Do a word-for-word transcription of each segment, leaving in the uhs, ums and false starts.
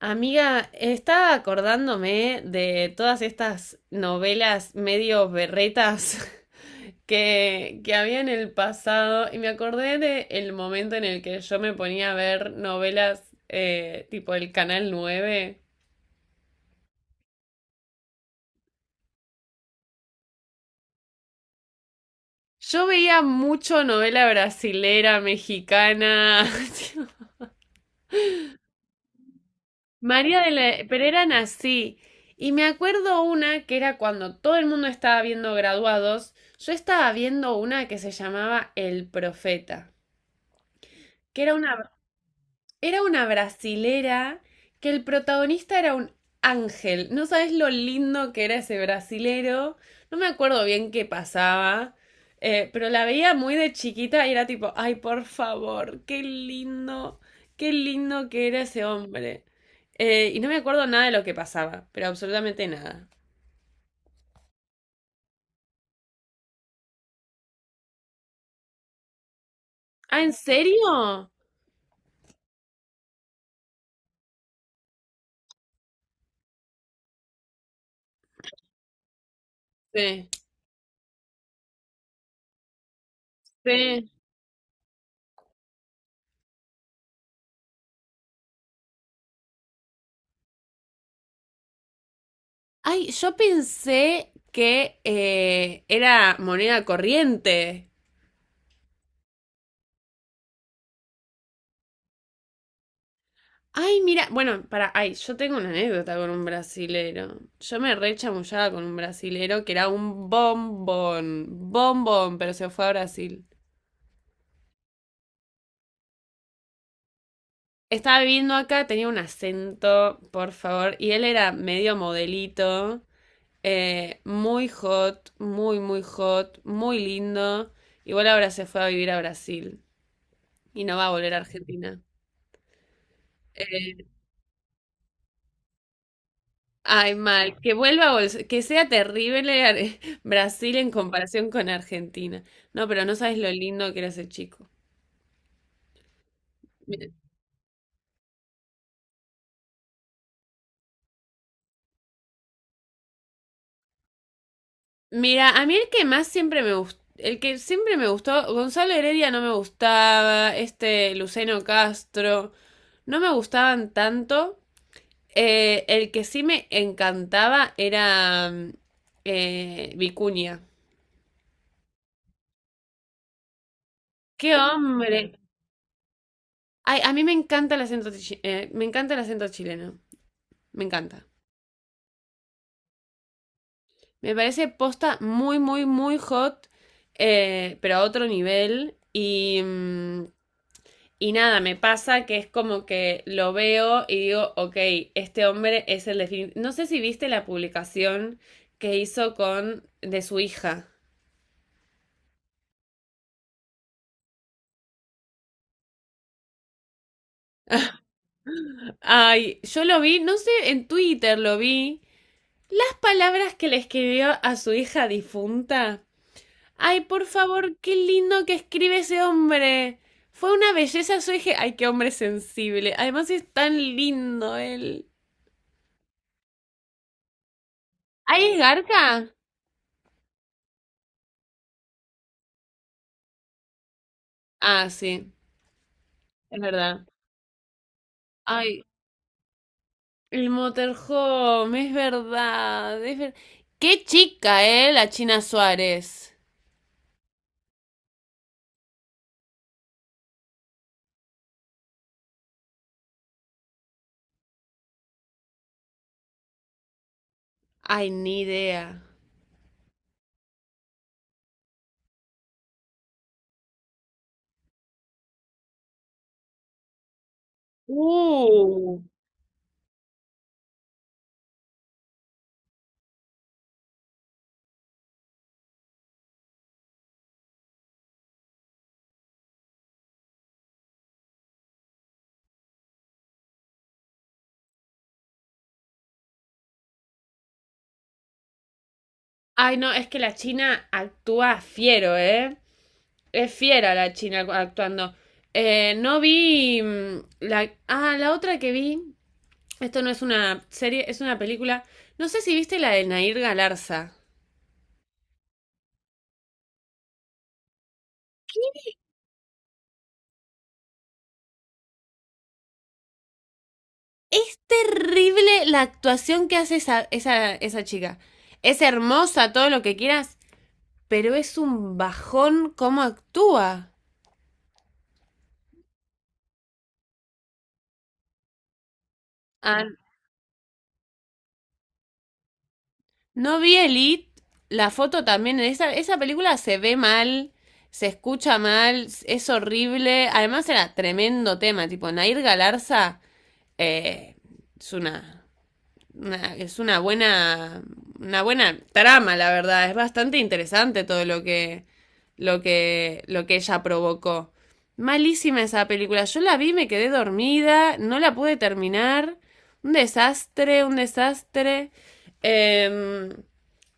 Amiga, estaba acordándome de todas estas novelas medio berretas que, que había en el pasado y me acordé de el momento en el que yo me ponía a ver novelas eh, tipo el Canal nueve. Yo veía mucho novela brasilera, mexicana. María de la... Pero eran. Y me acuerdo una que era cuando todo el mundo estaba viendo graduados, yo estaba viendo una que se llamaba El Profeta, que era una, era una brasilera que el protagonista era un ángel. No sabes lo lindo que era ese brasilero. No me acuerdo bien qué pasaba. Eh, pero la veía muy de chiquita y era tipo, ay, por favor, qué lindo, qué lindo que era ese hombre. Eh, y no me acuerdo nada de lo que pasaba, pero absolutamente nada. Ah, ¿en serio? Sí, sí. Ay, yo pensé que eh, era moneda corriente. Ay, mira, bueno, para, ay, yo tengo una anécdota con un brasilero. Yo me re chamullaba con un brasilero que era un bombón, bombón, pero se fue a Brasil. Estaba viviendo acá, tenía un acento, por favor, y él era medio modelito, eh, muy hot, muy, muy hot, muy lindo. Igual ahora se fue a vivir a Brasil y no va a volver a Argentina. Ay, mal, que vuelva, Bols- que sea terrible Ar- Brasil en comparación con Argentina. No, pero no sabes lo lindo que era ese chico. Mi- Mira, a mí el que más siempre me gustó, el que siempre me gustó, Gonzalo Heredia no me gustaba, este Luceno Castro, no me gustaban tanto. Eh, el que sí me encantaba era mm, eh, Vicuña. ¡Qué hombre! Ay, a mí me encanta el acento, chi- eh, me encanta el acento chileno, me encanta. Me parece posta muy, muy, muy hot, eh, pero a otro nivel. Y, mm, y nada, me pasa que es como que lo veo y digo, ok, este hombre es el definitivo. No sé si viste la publicación que hizo con de su hija. Ay, yo lo vi, no sé, en Twitter lo vi. Las palabras que le escribió a su hija difunta. Ay, por favor, qué lindo que escribe ese hombre. Fue una belleza, yo dije, ay, qué hombre sensible. Además es tan lindo él. ¿Ay, es Garca? Ah, sí, es verdad. Ay, el Motorhome, es verdad. Es ver- qué chica, eh, la China Suárez. Ay, ni idea. Uh. Ay, no, es que la China actúa fiero, ¿eh? Es fiera la China actuando. Eh, no vi mm, la... Ah, la otra que vi. Esto no es una serie, es una película. No sé si viste la de Nair Galarza. Es terrible la actuación que hace esa, esa, esa chica. Es hermosa, todo lo que quieras, pero es un bajón cómo actúa. Ah, no vi Elite, la foto también, esa, esa película se ve mal, se escucha mal, es horrible. Además era tremendo tema, tipo Nair Galarza, eh, es una una- es una buena, una buena trama, la verdad. Es bastante interesante todo lo que, lo que, lo que ella provocó. Malísima esa película. Yo la vi, me quedé dormida, no la pude terminar. Un desastre, un desastre. Em,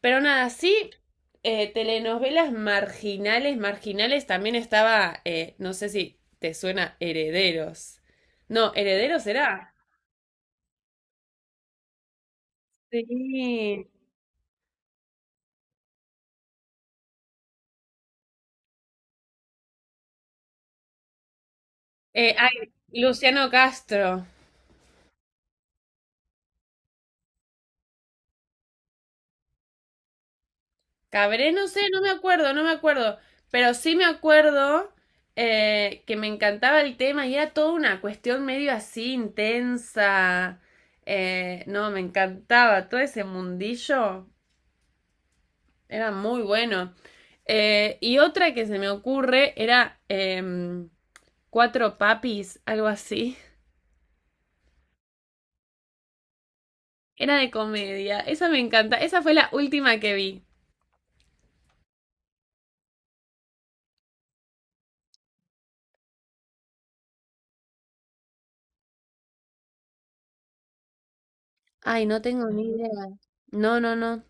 pero nada, sí, eh, telenovelas marginales, marginales también estaba, eh, no sé si te suena Herederos. No, Herederos era. Sí. Eh, ay, Luciano Castro. Cabré, no sé, no me acuerdo, no me acuerdo. Pero sí me acuerdo eh, que me encantaba el tema y era toda una cuestión medio así intensa. Eh, no, me encantaba. Todo ese mundillo era muy bueno. Eh, y otra que se me ocurre era em, Cuatro Papis, algo así. Era de comedia. Esa me encanta. Esa fue la última que vi. Ay, no tengo ni idea. No, no, no.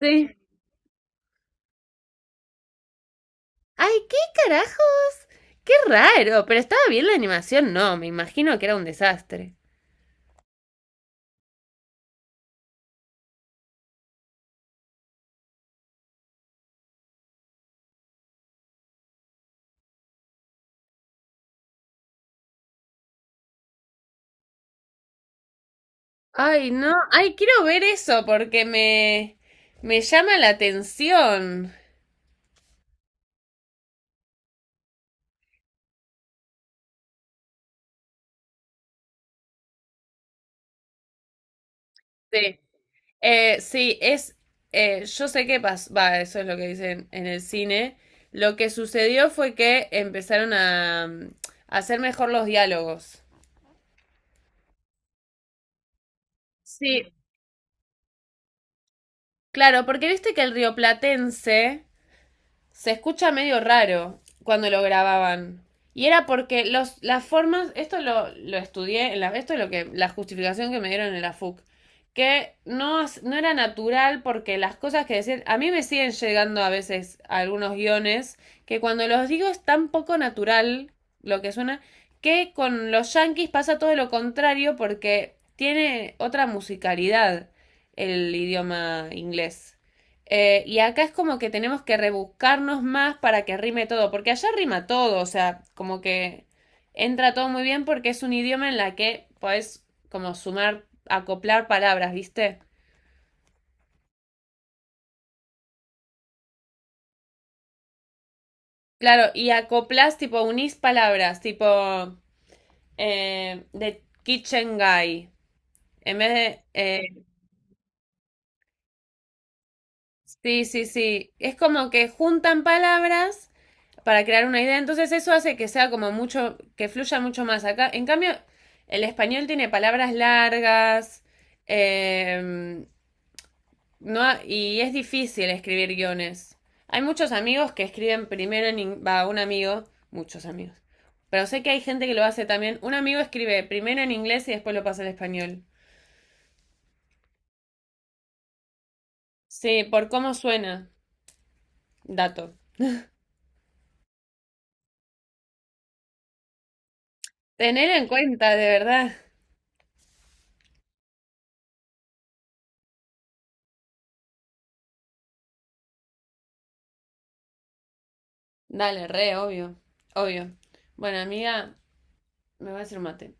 Sí. ¡Ay, qué carajos! ¡Qué raro! Pero estaba bien la animación, no, me imagino que era un desastre. Ay, no, ay, quiero ver eso porque me, me llama la atención. Sí, eh, sí, es, eh, yo sé qué pasó, va, eso es lo que dicen en el cine. Lo que sucedió fue que empezaron a, mm, a hacer mejor los diálogos. Sí, claro, porque viste que el rioplatense se escucha medio raro cuando lo grababan. Y era porque los, las formas, esto lo, lo estudié, en la, esto es lo que, la justificación que me dieron en la F U C, que no, no era natural porque las cosas que decían, a mí me siguen llegando a veces a algunos guiones que cuando los digo es tan poco natural lo que suena, que con los yankees pasa todo lo contrario porque tiene otra musicalidad el idioma inglés. Eh, y acá es como que tenemos que rebuscarnos más para que rime todo, porque allá rima todo, o sea, como que entra todo muy bien porque es un idioma en la que podés como sumar, acoplar palabras, ¿viste? Claro, y acoplas, tipo, unís palabras, tipo, eh, the kitchen guy, en vez de... eh, sí, sí, sí, es como que juntan palabras para crear una idea. Entonces eso hace que sea como mucho, que fluya mucho más acá. En cambio, el español tiene palabras largas, eh, no, y es difícil escribir guiones. Hay muchos amigos que escriben primero en... Va, un amigo, muchos amigos. Pero sé que hay gente que lo hace también. Un amigo escribe primero en inglés y después lo pasa al español. Sí, por cómo suena. Dato. Tener en cuenta, de verdad. Dale, re, obvio. Obvio. Bueno, amiga, me va a hacer un mate.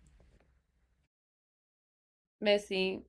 Bessie.